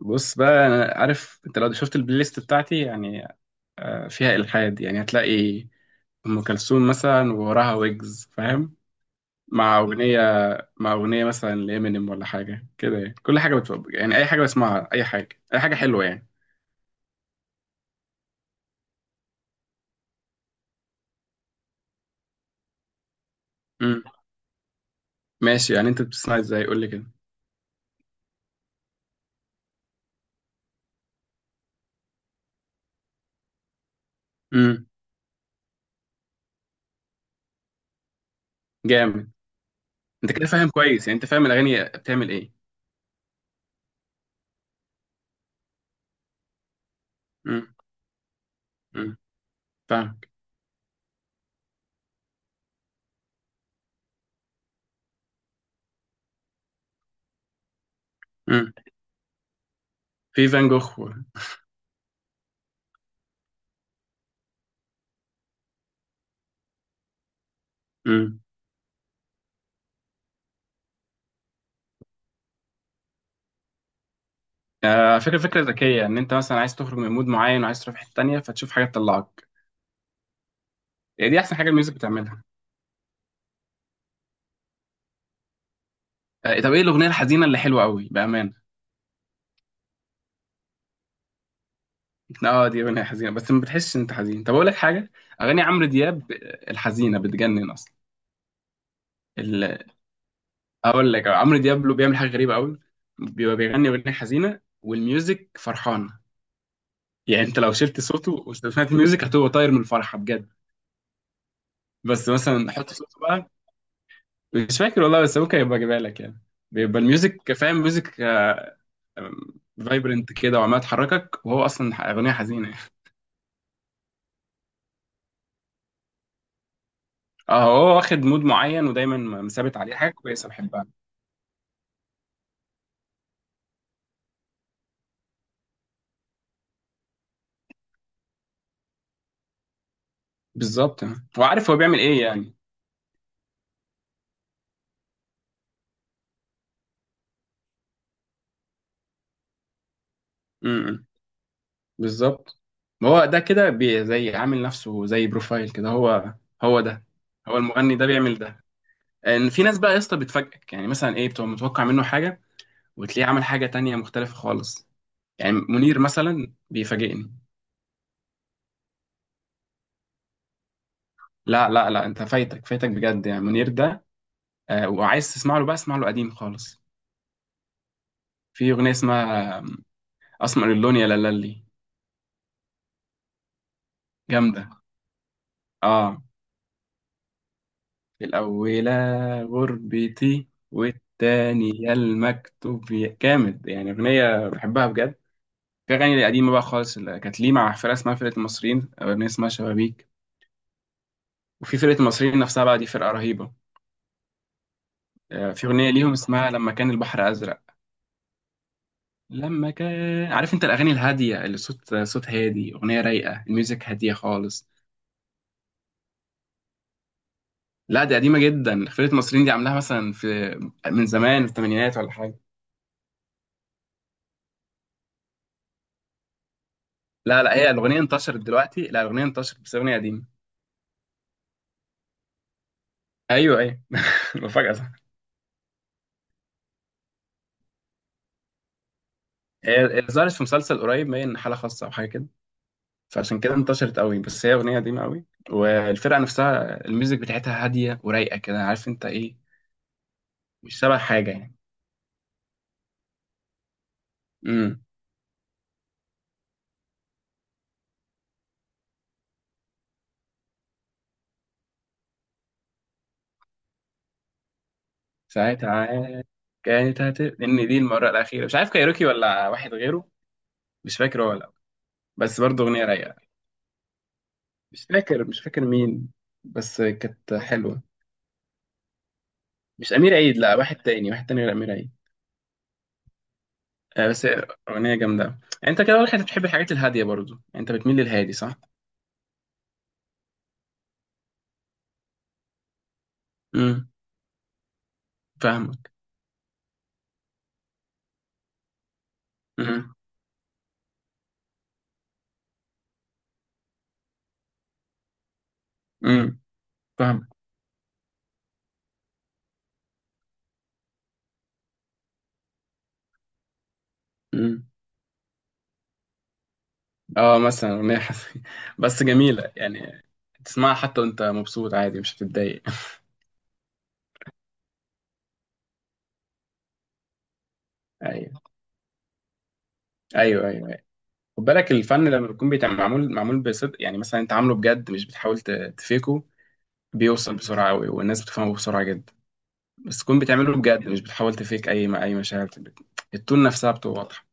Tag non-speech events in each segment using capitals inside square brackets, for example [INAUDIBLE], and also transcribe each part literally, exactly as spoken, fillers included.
بص بقى، انا عارف انت لو شفت البلاي ليست بتاعتي يعني. آه، فيها الحاد يعني، هتلاقي ام كلثوم مثلا، ووراها ويجز، فاهم؟ مع اغنيه مع اغنيه مثلا لامينيم، ولا حاجه كده يعني. كل حاجه بتفق، يعني اي حاجه بسمعها، اي حاجه، اي حاجه حلوه يعني. امم ماشي، يعني انت بتسمع ازاي؟ قول لي كده. امم جامد. انت كده فاهم كويس، يعني انت فاهم الاغاني بتعمل ايه. امم امم فاهمك. امم في فان جوخ و- امم آه، فكرة فكرة ذكية، إن أنت مثلا عايز تخرج من مود معين، وعايز تروح في حتة تانية، فتشوف حاجة تطلعك. يعني دي احسن حاجه الميوزك بتعملها. آه، طب ايه الاغنيه الحزينه اللي حلوه قوي؟ بامانه. اه، دي اغنيه حزينه، بس ما بتحسش ان انت حزين. طب اقول لك حاجه، اغاني عمرو دياب آه، الحزينه بتجنن اصلا. ال- اقول لك، آه، عمرو دياب له بيعمل حاجه غريبه قوي. بيبقى بيغني اغنيه حزينه والميوزك فرحانه. يعني انت لو شلت صوته وسمعت الميوزك، هتبقى طاير من الفرحه بجد. بس مثلا حط صوته بقى. مش فاكر والله، بس ممكن يبقى اجيبها لك يعني. بيبقى الميوزك فاهم، ميوزك فايبرنت كده، وعمال تحركك، وهو اصلا اغنيه حزينه. اهو، واخد مود معين، ودايما مثابت عليه، حاجه كويسه بحبها. بالظبط، هو عارف هو بيعمل ايه يعني. امم بالظبط. ما هو ده كده بي- زي عامل نفسه زي بروفايل كده، هو هو ده هو المغني ده بيعمل ده. ان في ناس بقى يا اسطى بتفاجئك، يعني مثلا ايه، بتبقى متوقع منه حاجه، وتلاقيه عمل حاجه تانية مختلفه خالص. يعني منير مثلا بيفاجئني. لا لا لا، انت فايتك فايتك بجد يعني. منير ده، آه، وعايز تسمع له بقى، اسمع له قديم خالص. في اغنيه اسمها آه، اسمر اللون يا لالي. جامده. اه، الأولى غربتي، والتانية المكتب، يا- جامد يعني، أغنية بحبها بجد. في أغاني قديمة بقى خالص، اللي كانت ليه مع فرقة اسمها فرقة المصريين، أو أغنية اسمها شبابيك. وفي فرقة المصريين نفسها بقى، دي فرقة رهيبة. آه، في أغنية ليهم اسمها لما كان البحر أزرق. لما كان، عارف أنت الأغاني الهادية اللي صوت صوت هادي، أغنية رايقة، الميوزك هادية خالص. لا، دي قديمة جدا. فرقة المصريين دي عاملاها مثلا في، من زمان، في الثمانينات ولا حاجة. لا لا، هي الأغنية انتشرت دلوقتي، لا الأغنية انتشرت بس أغنية قديمة. أيوه أيوه. [LAUGHS] مفاجأة، صح؟ هي هي ظهرت في مسلسل قريب باين، حالة خاصة أو حاجة كده. فعشان كده انتشرت قوي، بس هي أغنية قديمة قوي. والفرقة نفسها الميوزك بتاعتها هادية ورايقة كده، عارف أنت إيه. مش شبه حاجة يعني. امم ساعتها عاد، كانت هت، إن دي المرة الأخيرة، مش عارف كايروكي ولا واحد غيره. مش فاكر هو ولا لأ. بس برضه أغنية رايقة. مش فاكر مش فاكر مين، بس كانت حلوة. مش أمير عيد، لا، واحد تاني، واحد تاني غير أمير عيد. آه، بس هي أغنية جامدة يعني. أنت كده واضح، أنت بتحب الحاجات الهادية برضو، يعني أنت بتميل للهادي، صح؟ امم فاهمك. امم امم فاهمك. امم اه، مثلا أغنية حس... [LAUGHS] بس جميلة يعني. تسمعها حتى وأنت مبسوط، عادي مش هتتضايق. ايوه ايوه ايوه أيوة. خد بالك، الفن لما بيكون بيتعمل معمول معمول بصدق، يعني مثلا انت عامله بجد، مش بتحاول ت- تفيكه، بيوصل بسرعه قوي، والناس بتفهمه بسرعه جدا. بس تكون بتعمله بجد، مش بتحاول تفيك اي اي مشاعر بت- التون نفسها بتبقى واضحه.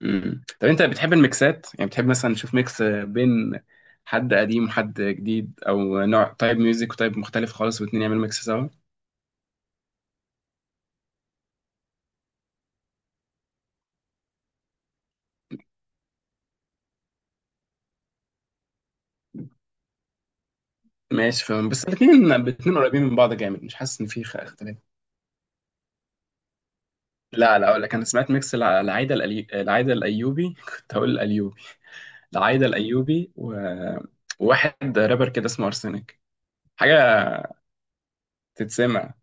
مم. طب انت بتحب الميكسات؟ يعني بتحب مثلا تشوف ميكس بين حد قديم وحد جديد، او نوع تايب ميوزك وتايب مختلف خالص، والاتنين يعملوا ميكس سوا. ماشي، فاهم. بس الاتنين الاتنين قريبين من بعض جامد، مش حاسس ان في خ- اختلاف. لا لا، اقول لك، انا سمعت ميكس الع- العايده الألي... العايده الايوبي. [LAUGHS] كنت هقول الايوبي. العايده الايوبي و... وواحد رابر كده اسمه ارسنك، حاجه تتسمع.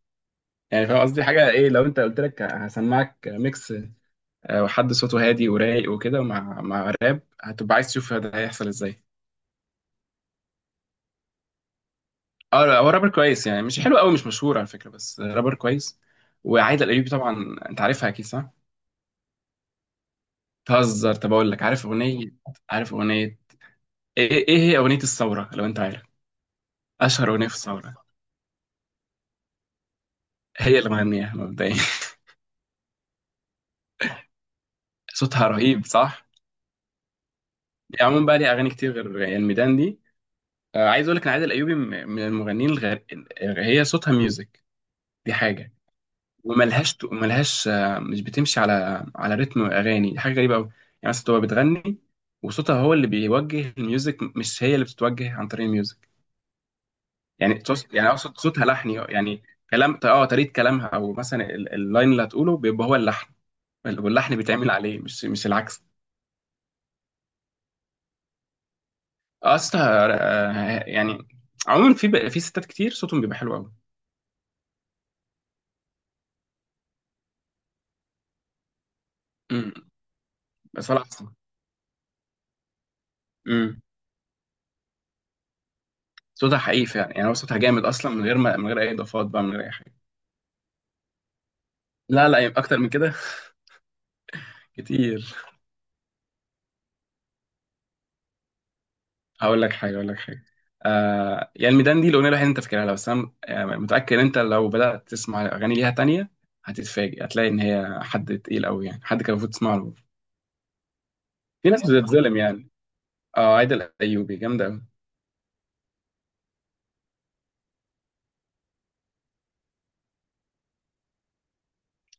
يعني فاهم قصدي، حاجه ايه لو انت قلت لك هسمعك ميكس، آه، وحد صوته هادي ورايق وكده، مع مع راب، هتبقى عايز تشوف ده هيحصل ازاي. اه، لا، هو رابر كويس يعني، مش حلو قوي، مش مشهور على فكره، بس رابر كويس. وعايده الايوبي طبعا انت عارفها اكيد، صح؟ تهزر؟ طب اقول لك، عارف اغنيه عارف اغنيه، ايه ايه هي اغنيه الثوره لو انت عارف. اشهر اغنيه في الثوره، هي اللي مغنيها مبدئيا. [LAUGHS] صوتها رهيب، صح؟ يعني عموما بقى ليها اغاني كتير غير يعني الميدان دي. آه، عايز اقول لك ان عايده الايوبي م- من المغنيين الغير. هي صوتها ميوزك، دي حاجه. وملهاش ملهاش آه، مش بتمشي على على رتم اغاني، دي حاجه غريبه قوي. يعني مثلا تبقى بتغني، وصوتها هو اللي بيوجه الميوزك، مش هي اللي بتتوجه عن طريق الميوزك. يعني تص... يعني اقصد صوتها لحني يعني. كلام، اه طريقه كلامها، او مثلا ال- اللاين اللي هتقوله بيبقى هو اللحن، واللحن بيتعمل عليه، مش مش العكس. اصلها آه، يعني، عموما في ب- في ستات كتير صوتهم بيبقى حلو قوي. امم بس ولا احسن. امم صوتها حقيقي فعلا، يعني هو صوتها جامد اصلا، من غير ما من غير اي اضافات بقى، من غير اي حاجه. لا لا، يبقى اكتر من كده كتير. اقول لك حاجه، اقول لك حاجه، آه يعني الميدان دي الاغنيه الوحيده اللي انت فاكرها لها، بس انا آه، متاكد ان انت لو بدات تسمع اغاني ليها تانية، هتتفاجئ، هتلاقي ان هي حد تقيل قوي يعني، حد كان المفروض تسمع له. في ناس والله بتتظلم يعني. اه، عايده الايوبي جامده قوي.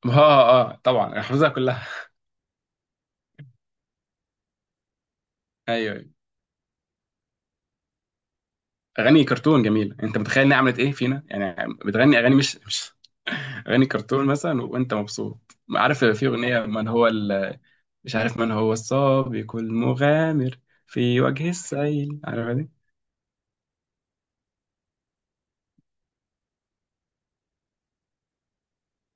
اه اه، آه، طبعا انا حافظها كلها. ايوه ايوه، اغاني كرتون جميله. انت متخيل انها عملت ايه فينا يعني، بتغني اغاني مش، مش اغاني كرتون مثلا وانت مبسوط. عارف في اغنيه من هو ال- مش عارف، من هو السابق المغامر، في وجه السيل، عارفها دي.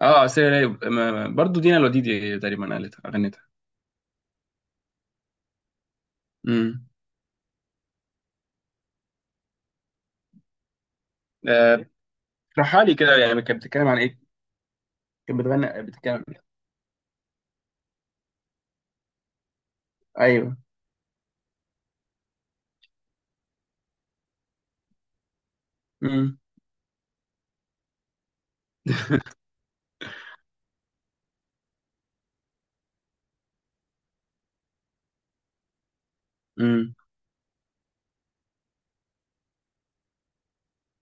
اه، سير رايب، ما- ما- برضو دينا الوديدي تقريبا قالتها، غنتها. امم آه، اشرحها لي كده، يعني كانت بتتكلم عن ايه؟ كانت بتغني، بتتكلم. ايوه. امم امم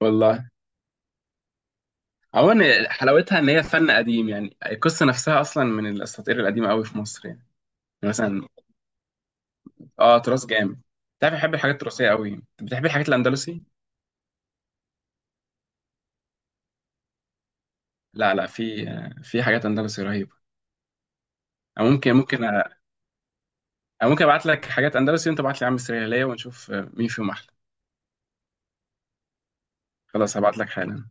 والله. عموما حلاوتها ان هي فن قديم، يعني القصه نفسها اصلا من الاساطير القديمه قوي في مصر يعني. يعني مثلا، اه تراث جامد. تعرف، بحب الحاجات التراثيه قوي، بتحب الحاجات الاندلسي. لا لا، في آه، في حاجات اندلسي رهيبه. أو ممكن ممكن، انا ممكن ابعت لك حاجات اندلسي وانت ابعت لي يا عم السرياليه، ونشوف آه، مين فيهم احلى. خلاص، هبعت لك حالا.